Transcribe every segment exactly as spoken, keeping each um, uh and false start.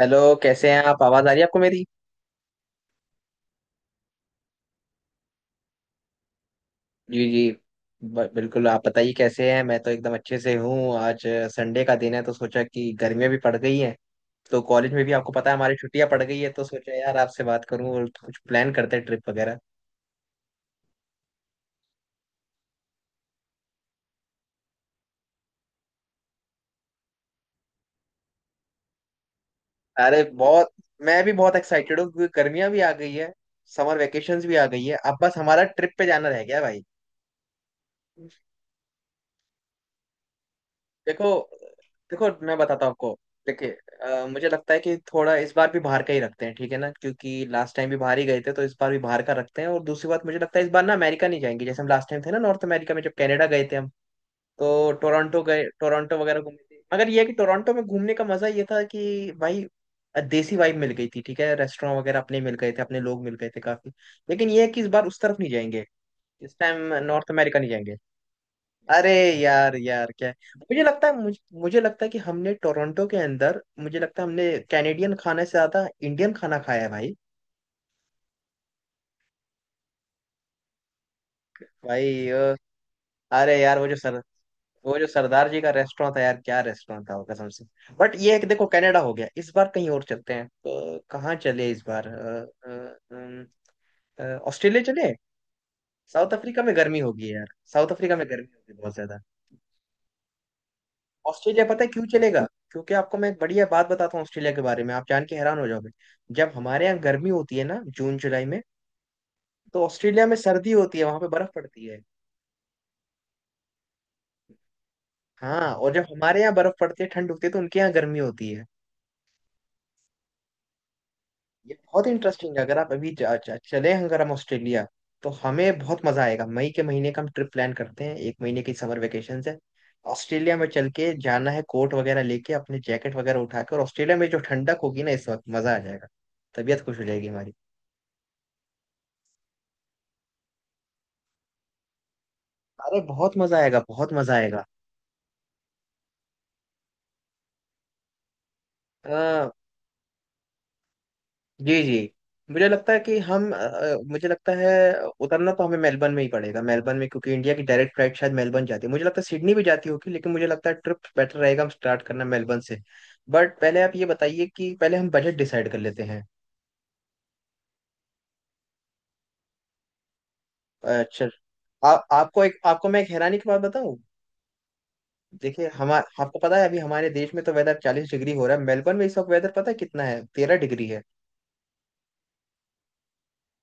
Hello. कैसे हैं आप? आवाज आ रही है आपको मेरी? जी जी। ब- बिल्कुल, आप बताइए कैसे हैं। मैं तो एकदम अच्छे से हूँ। आज अ, संडे का दिन है तो सोचा कि गर्मियाँ भी पड़ गई हैं, तो कॉलेज में भी आपको पता है हमारी छुट्टियां पड़ गई है, तो सोचा यार आपसे बात करूं और कुछ प्लान करते हैं, ट्रिप वगैरह। अरे बहुत, मैं भी बहुत एक्साइटेड हूँ क्योंकि गर्मियाँ भी आ गई है, समर वेकेशंस भी आ गई है, अब बस हमारा ट्रिप पे जाना रह गया भाई। देखो। देखो मैं बताता हूँ आपको। देखिए, अ, मुझे लगता है कि थोड़ा इस बार भी बाहर का ही रखते हैं, ठीक है ना, क्योंकि लास्ट टाइम भी बाहर ही गए थे तो इस बार भी बाहर का रखते हैं। और दूसरी बात, मुझे लगता है इस बार ना अमेरिका नहीं जाएंगे जैसे हम लास्ट टाइम थे ना नॉर्थ अमेरिका में, जब कनाडा गए थे हम, तो टोरंटो गए, टोरंटो वगैरह घूमे थे, मगर ये है कि टोरंटो में घूमने का मजा ये था कि भाई अ, देसी वाइब मिल गई थी। ठीक है, रेस्टोरेंट वगैरह अपने मिल गए थे, अपने लोग मिल गए थे काफी। लेकिन ये है कि इस बार उस तरफ नहीं जाएंगे। इस टाइम नॉर्थ अमेरिका नहीं जाएंगे। अरे यार, यार क्या है? मुझे लगता है मुझे, मुझे लगता है कि हमने टोरंटो के अंदर, मुझे लगता है हमने कैनेडियन खाने से ज्यादा इंडियन खाना खाया है भाई। भाई अ, अरे यार वो जो सर, वो जो सरदार जी का रेस्टोरेंट था यार, क्या रेस्टोरेंट था वो, कसम से। बट ये है कि देखो कनाडा हो गया, इस बार कहीं और चलते हैं। तो कहाँ चले इस बार? अ, अ, अम, अ, ऑस्ट्रेलिया चले। साउथ अफ्रीका में गर्मी होगी यार। साउथ अफ्रीका में गर्मी होगी बहुत ज्यादा। ऑस्ट्रेलिया, पता है क्यों चलेगा? क्योंकि आपको मैं एक बढ़िया बात बताता हूँ ऑस्ट्रेलिया के बारे में, आप जान के हैरान हो जाओगे। जब हमारे यहाँ गर्मी होती है ना जून जुलाई में, तो ऑस्ट्रेलिया में सर्दी होती है, वहां पे बर्फ पड़ती है। हाँ, और जब हमारे यहाँ बर्फ पड़ती है, ठंड होती है, तो उनके यहाँ गर्मी होती है। ये बहुत इंटरेस्टिंग है। अगर आप अभी जा- जा- चले, अगर हम ऑस्ट्रेलिया, तो हमें बहुत मजा आएगा। मई के महीने का हम ट्रिप प्लान करते हैं, एक महीने की समर वेकेशन है। ऑस्ट्रेलिया में चल के जाना है, कोट वगैरह लेके अपने, जैकेट वगैरह उठा के, और ऑस्ट्रेलिया में जो ठंडक होगी ना इस वक्त मजा आ जाएगा, तबीयत खुश हो जाएगी हमारी। अरे बहुत मजा आएगा, बहुत मजा आएगा। आ, जी जी, मुझे लगता है कि हम अ, मुझे लगता है उतरना तो हमें मेलबर्न में ही पड़ेगा, मेलबर्न में, क्योंकि इंडिया की डायरेक्ट फ्लाइट शायद मेलबर्न जाती है, मुझे लगता है सिडनी भी जाती होगी, लेकिन मुझे लगता है ट्रिप बेटर रहेगा हम स्टार्ट करना मेलबर्न से। बट पहले आप ये बताइए कि पहले हम बजट डिसाइड कर लेते हैं। अच्छा। आ, आपको एक आपको मैं एक हैरानी की बात बताऊं। देखिए हम, आपको पता है अभी हमारे देश में तो वेदर चालीस डिग्री हो रहा है, मेलबर्न में इस वक्त वेदर पता है कितना है? तेरह डिग्री है।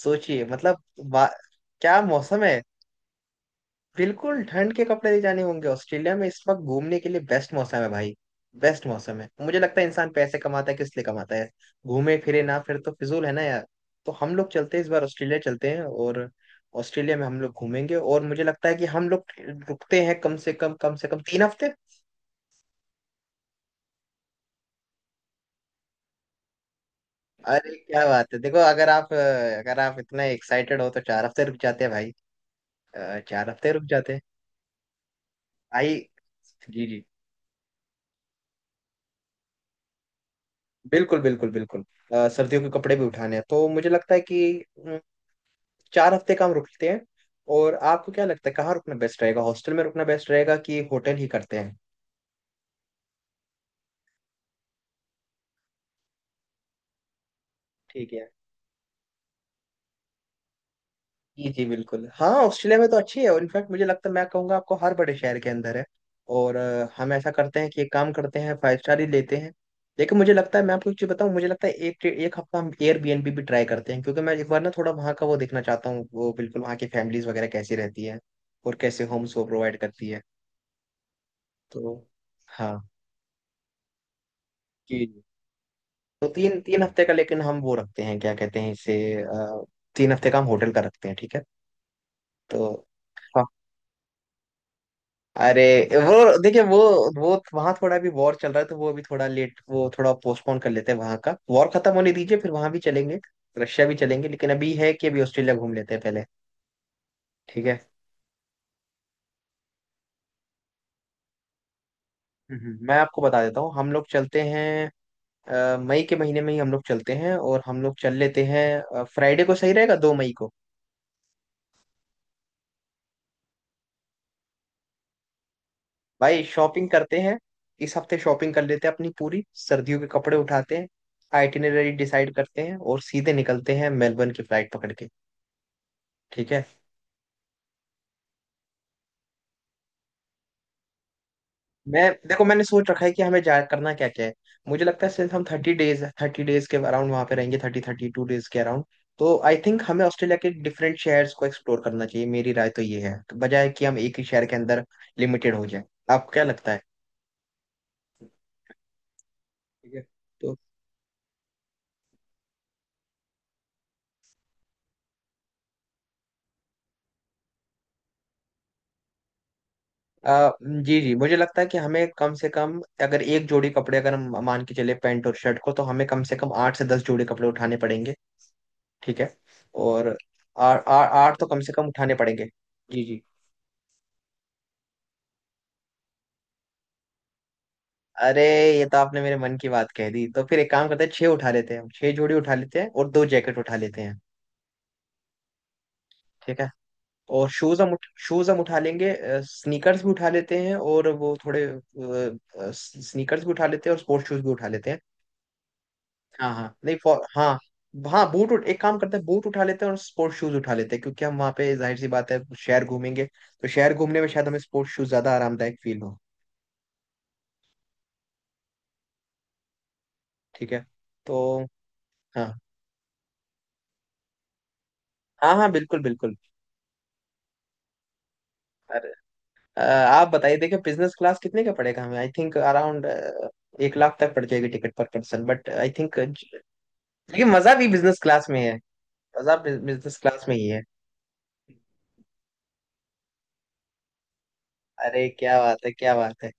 सोचिए, मतलब वा- क्या मौसम है। बिल्कुल ठंड के कपड़े ले जाने होंगे। ऑस्ट्रेलिया में इस वक्त घूमने के लिए बेस्ट मौसम है भाई। बेस्ट मौसम है। मुझे लगता है इंसान पैसे कमाता है किस लिए कमाता है? घूमे फिरे ना, फिर तो फिजूल है ना यार। तो हम लोग चलते हैं, इस बार ऑस्ट्रेलिया चलते हैं। और ऑस्ट्रेलिया में हम लोग घूमेंगे, और मुझे लगता है कि हम लोग रुकते हैं कम से कम कम से कम तीन हफ्ते। अरे क्या बात है! देखो अगर आप अ, अगर आप इतना एक्साइटेड हो तो चार हफ्ते रुक जाते हैं भाई। अ, चार हफ्ते रुक जाते हैं। भाई, जी जी बिल्कुल बिल्कुल बिल्कुल। अ, सर्दियों के कपड़े भी उठाने हैं, तो मुझे लगता है कि अम, चार हफ्ते का हम रुकते हैं। और आपको क्या लगता है कहाँ रुकना बेस्ट रहेगा? हॉस्टल में रुकना बेस्ट रहेगा कि होटल ही करते हैं? ठीक है। जी जी बिल्कुल। हाँ, ऑस्ट्रेलिया में तो अच्छी है, और इनफैक्ट मुझे लगता है, मैं कहूंगा आपको, हर बड़े शहर के अंदर है। और अ, हम ऐसा करते हैं कि एक काम करते हैं, फाइव स्टार ही लेते हैं। लेकिन मुझे लगता है मैं आपको एक चीज बताऊं, मुझे लगता है एक एक हफ्ता हम एयरबीएनबी भी ट्राई करते हैं, क्योंकि मैं एक बार ना थोड़ा वहाँ का वो देखना चाहता हूँ, वो बिल्कुल वहाँ की फैमिलीज वगैरह कैसी रहती है और कैसे होम्स वो प्रोवाइड करती है। तो हाँ, जी जी। तो तीन तीन हफ्ते का, लेकिन हम वो रखते हैं, क्या कहते हैं इसे, अ, तीन हफ्ते का हम होटल का रखते हैं। ठीक है। तो अरे, वो देखिए वो वो वहां थोड़ा भी वॉर चल रहा है तो वो अभी थोड़ा लेट, वो थोड़ा पोस्टपोन कर लेते हैं, वहां का वॉर खत्म होने दीजिए, फिर वहां भी चलेंगे, रशिया भी चलेंगे। लेकिन अभी है कि अभी ऑस्ट्रेलिया घूम लेते हैं पहले, ठीक है। हम्म, मैं आपको बता देता हूँ, हम लोग चलते हैं अ, मई के महीने में ही हम लोग चलते हैं, और हम लोग चल लेते हैं फ्राइडे को, सही रहेगा दो मई को। भाई शॉपिंग करते हैं, इस हफ्ते शॉपिंग कर लेते हैं, अपनी पूरी सर्दियों के कपड़े उठाते हैं, आइटिनरी डिसाइड करते हैं और सीधे निकलते हैं मेलबर्न की फ्लाइट पकड़ के। ठीक है। मैं देखो, मैंने सोच रखा है कि हमें जा करना क्या क्या है। मुझे लगता है सिर्फ हम थर्टी डेज थर्टी डेज के अराउंड वहां पे रहेंगे, थर्टी थर्टी टू डेज के अराउंड। तो आई थिंक हमें ऑस्ट्रेलिया के डिफरेंट शहर्स को एक्सप्लोर करना चाहिए, मेरी राय तो ये है। तो बजाय कि हम एक ही शहर के अंदर लिमिटेड हो जाए। आपको क्या लगता है? ठीक है। तो आ, जी जी, मुझे लगता है कि हमें कम से कम, अगर एक जोड़ी कपड़े अगर हम मान के चले पैंट और शर्ट को, तो हमें कम से कम आठ से दस जोड़ी कपड़े उठाने पड़ेंगे। ठीक है। और आ- आ- आठ तो कम से कम उठाने पड़ेंगे। जी जी। अरे ये तो आपने मेरे मन की बात कह दी। तो फिर एक काम करते हैं, छह उठा लेते हैं, हम छह जोड़ी उठा लेते हैं और दो जैकेट उठा लेते हैं। ठीक है। और शूज हम उठ, शूज हम उठा लेंगे। स्नीकर्स भी उठा लेते हैं और वो थोड़े, स्नीकर्स भी उठा लेते हैं और स्पोर्ट्स शूज भी उठा लेते हैं। हाँ हाँ नहीं फॉर हाँ। हाँ, बूट उठ एक काम करते हैं, बूट उठा लेते हैं और स्पोर्ट्स शूज उठा लेते हैं, क्योंकि हम वहाँ पे जाहिर सी बात है शहर घूमेंगे तो शहर घूमने में शायद हमें स्पोर्ट्स शूज ज्यादा आरामदायक फील हो। ठीक है। तो हाँ हाँ हाँ, बिल्कुल बिल्कुल। अ, आप बताइए, देखिए बिजनेस क्लास कितने का पड़ेगा हमें? आई थिंक अराउंड एक लाख तक पड़ जाएगी टिकट पर पर्सन, बट आई थिंक लेकिन मजा भी बिजनेस क्लास में है। मजा बिजनेस क्लास में ही है। अरे क्या बात है, क्या बात है।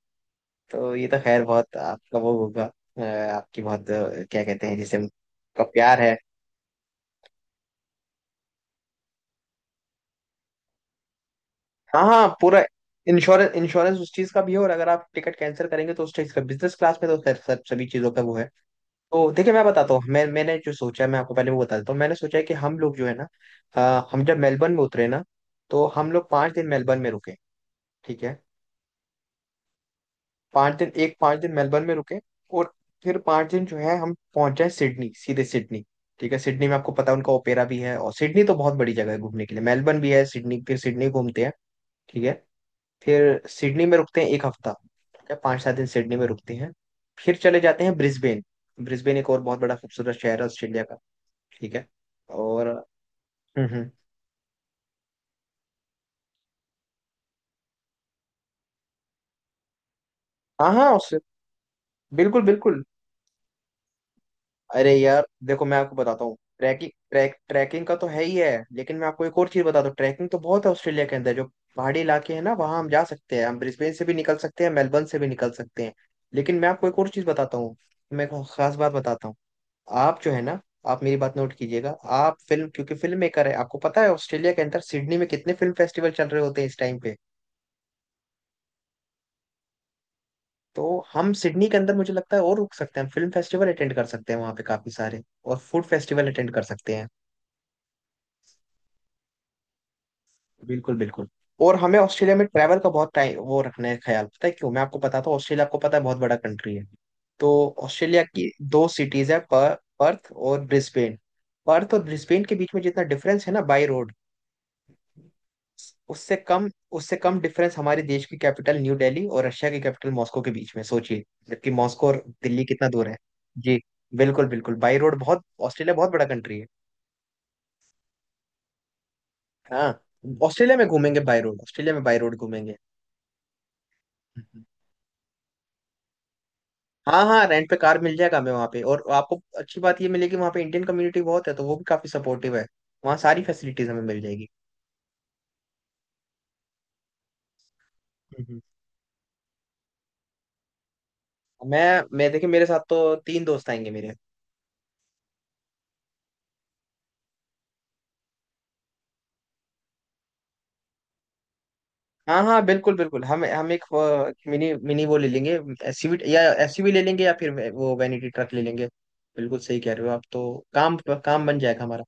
तो ये तो खैर बहुत आपका वो होगा, अ, आपकी बहुत अ, क्या कहते हैं जिसे, का प्यार है। हाँ हाँ पूरा इंश्योरेंस, इंश्योरेंस उस चीज का भी है, और अगर आप टिकट कैंसिल करेंगे तो उस चीज का, बिजनेस क्लास में तो खैर सब, सभी चीजों का वो है। तो देखिए मैं बताता हूँ, मैं मैंने जो सोचा है, मैं आपको पहले वो बता देता हूँ, मैंने सोचा है कि हम लोग जो है ना, अ, हम जब मेलबर्न में उतरे ना, तो हम लोग पाँच दिन मेलबर्न में रुके। ठीक है। पाँच दिन, एक पाँच दिन मेलबर्न में रुके। और फिर पाँच दिन जो है हम पहुंच जाए सिडनी, सीधे सिडनी। ठीक है। सिडनी में आपको पता है उनका ओपेरा भी है, और सिडनी तो बहुत बड़ी जगह है घूमने के लिए, मेलबर्न भी है, सिडनी, फिर सिडनी घूमते हैं। ठीक है। फिर सिडनी में रुकते हैं एक हफ्ता। ठीक है। पाँच सात दिन सिडनी में रुकते हैं। फिर चले जाते हैं ब्रिस्बेन। ब्रिस्बेन एक और बहुत बड़ा खूबसूरत शहर है ऑस्ट्रेलिया का। ठीक है। और हम्म हम्म। हाँ हाँ उससे, बिल्कुल बिल्कुल। अरे यार देखो मैं आपको बताता हूँ, ट्रैकिंग ट्रैक ट्रैकिंग का तो है ही है, लेकिन मैं आपको एक और चीज बताता हूँ। ट्रैकिंग तो बहुत है ऑस्ट्रेलिया के अंदर, जो पहाड़ी इलाके हैं ना वहाँ हम जा सकते हैं, हम ब्रिस्बेन से भी निकल सकते हैं, मेलबर्न से भी निकल सकते हैं। लेकिन मैं आपको एक और चीज बताता हूँ, मैं एक खास बात बताता हूँ। आप जो है ना, आप मेरी बात नोट कीजिएगा। आप फिल्म, क्योंकि फिल्म मेकर है, आपको पता है ऑस्ट्रेलिया के अंदर सिडनी में कितने फिल्म फेस्टिवल चल रहे होते हैं इस टाइम पे। तो हम सिडनी के अंदर मुझे लगता है और रुक सकते हैं, फिल्म फेस्टिवल अटेंड कर सकते हैं वहाँ पे काफी सारे, और फूड फेस्टिवल अटेंड कर सकते हैं। बिल्कुल बिल्कुल। और हमें ऑस्ट्रेलिया में ट्रैवल का बहुत टाइम वो रखना है ख्याल, पता है क्यों? मैं आपको बताता हूँ, ऑस्ट्रेलिया आपको पता है बहुत बड़ा कंट्री है। तो ऑस्ट्रेलिया की दो सिटीज है, पर्थ और ब्रिस्बेन। पर्थ और ब्रिस्बेन के बीच में जितना डिफरेंस है ना बाई रोड, उससे कम उससे कम डिफरेंस हमारे देश की कैपिटल न्यू दिल्ली और रशिया की कैपिटल मॉस्को के बीच में, सोचिए, जबकि मॉस्को और दिल्ली कितना दूर है। जी। बिल्कुल बिल्कुल, बाई रोड बहुत। ऑस्ट्रेलिया बहुत बड़ा कंट्री है। हाँ, ऑस्ट्रेलिया में घूमेंगे बाई रोड, ऑस्ट्रेलिया में बाई रोड घूमेंगे। हाँ हाँ, रेंट पे कार मिल जाएगा हमें वहाँ पे, और आपको अच्छी बात ये मिलेगी वहाँ पे, इंडियन कम्युनिटी बहुत है तो वो भी काफी सपोर्टिव है, वहाँ सारी फैसिलिटीज हमें मिल जाएगी। हम्म, मैं मैं देखिए, मेरे साथ तो तीन दोस्त आएंगे मेरे। हाँ हाँ बिल्कुल बिल्कुल। हम हम एक मिनी मिनी वो ले लेंगे, एसयूवी या एसयूवी ले लेंगे या फिर वे- वो वैनिटी ट्रक ले लेंगे। बिल्कुल सही कह रहे हो आप तो। काम काम बन जाएगा हमारा।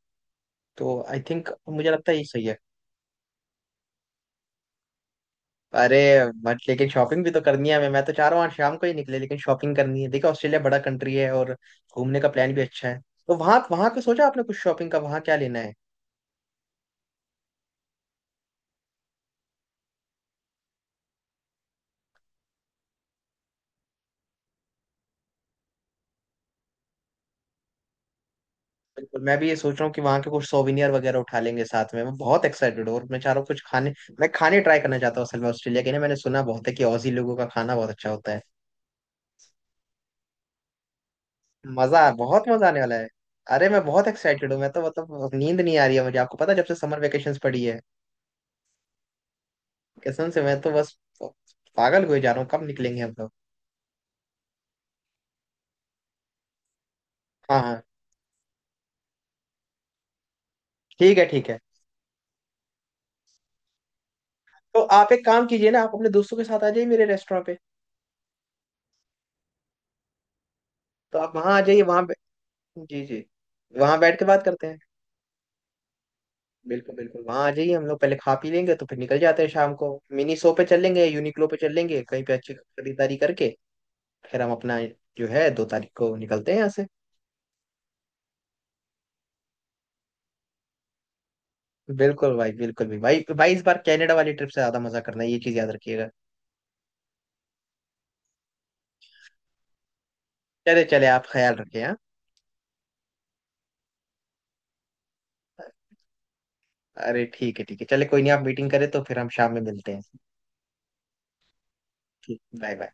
तो आई थिंक मुझे लगता है ये सही है। अरे बट लेकिन शॉपिंग भी तो करनी है हमें, मैं तो चाह रहा हूँ आज शाम को ही निकले, लेकिन शॉपिंग करनी है। देखो ऑस्ट्रेलिया बड़ा कंट्री है और घूमने का प्लान भी अच्छा है। तो वहाँ, वहाँ का सोचा आपने कुछ शॉपिंग का, वहाँ क्या लेना है? बिल्कुल, मैं भी ये सोच रहा हूँ कि वहां के कुछ सोविनियर वगैरह उठा लेंगे साथ में। मैं बहुत एक्साइटेड हूँ, और मैं चाह रहा हूँ कुछ खाने, मैं खाने ट्राई करना चाहता हूँ असल में ऑस्ट्रेलिया के, ना मैंने सुना बहुत है कि ऑजी लोगों का खाना बहुत अच्छा होता है। मजा बहुत मजा आने वाला है। अरे मैं बहुत एक्साइटेड हूँ, मैं तो मतलब नींद नहीं आ रही है मुझे, आपको पता है, जब से समर वेकेशन पड़ी है, कसम से मैं तो बस पागल हुए जा रहा हूँ, कब निकलेंगे हम लोग। हाँ हाँ, ठीक है, ठीक है। तो आप एक काम कीजिए ना, आप अपने दोस्तों के साथ आ जाइए मेरे रेस्टोरेंट पे। तो आप वहाँ आ जाइए वहाँ पे- जी जी। वहाँ बैठ के बात करते हैं। बिल्कुल बिल्कुल, वहां आ जाइए, हम लोग पहले खा पी लेंगे, तो फिर निकल जाते हैं शाम को, मिनी शो पे चल लेंगे, यूनिक्लो पे चल लेंगे, कहीं पे अच्छी खरीदारी करके, फिर हम अपना जो है दो तारीख को निकलते हैं यहाँ से। बिल्कुल भाई बिल्कुल भी भाई भाई, इस बार कनाडा वाली ट्रिप से ज्यादा मजा करना है, ये चीज याद रखिएगा। चले, चले आप ख्याल रखें, हाँ। अरे ठीक है ठीक है, चले कोई नहीं, आप मीटिंग करें तो फिर हम शाम में मिलते हैं। ठीक, बाय बाय।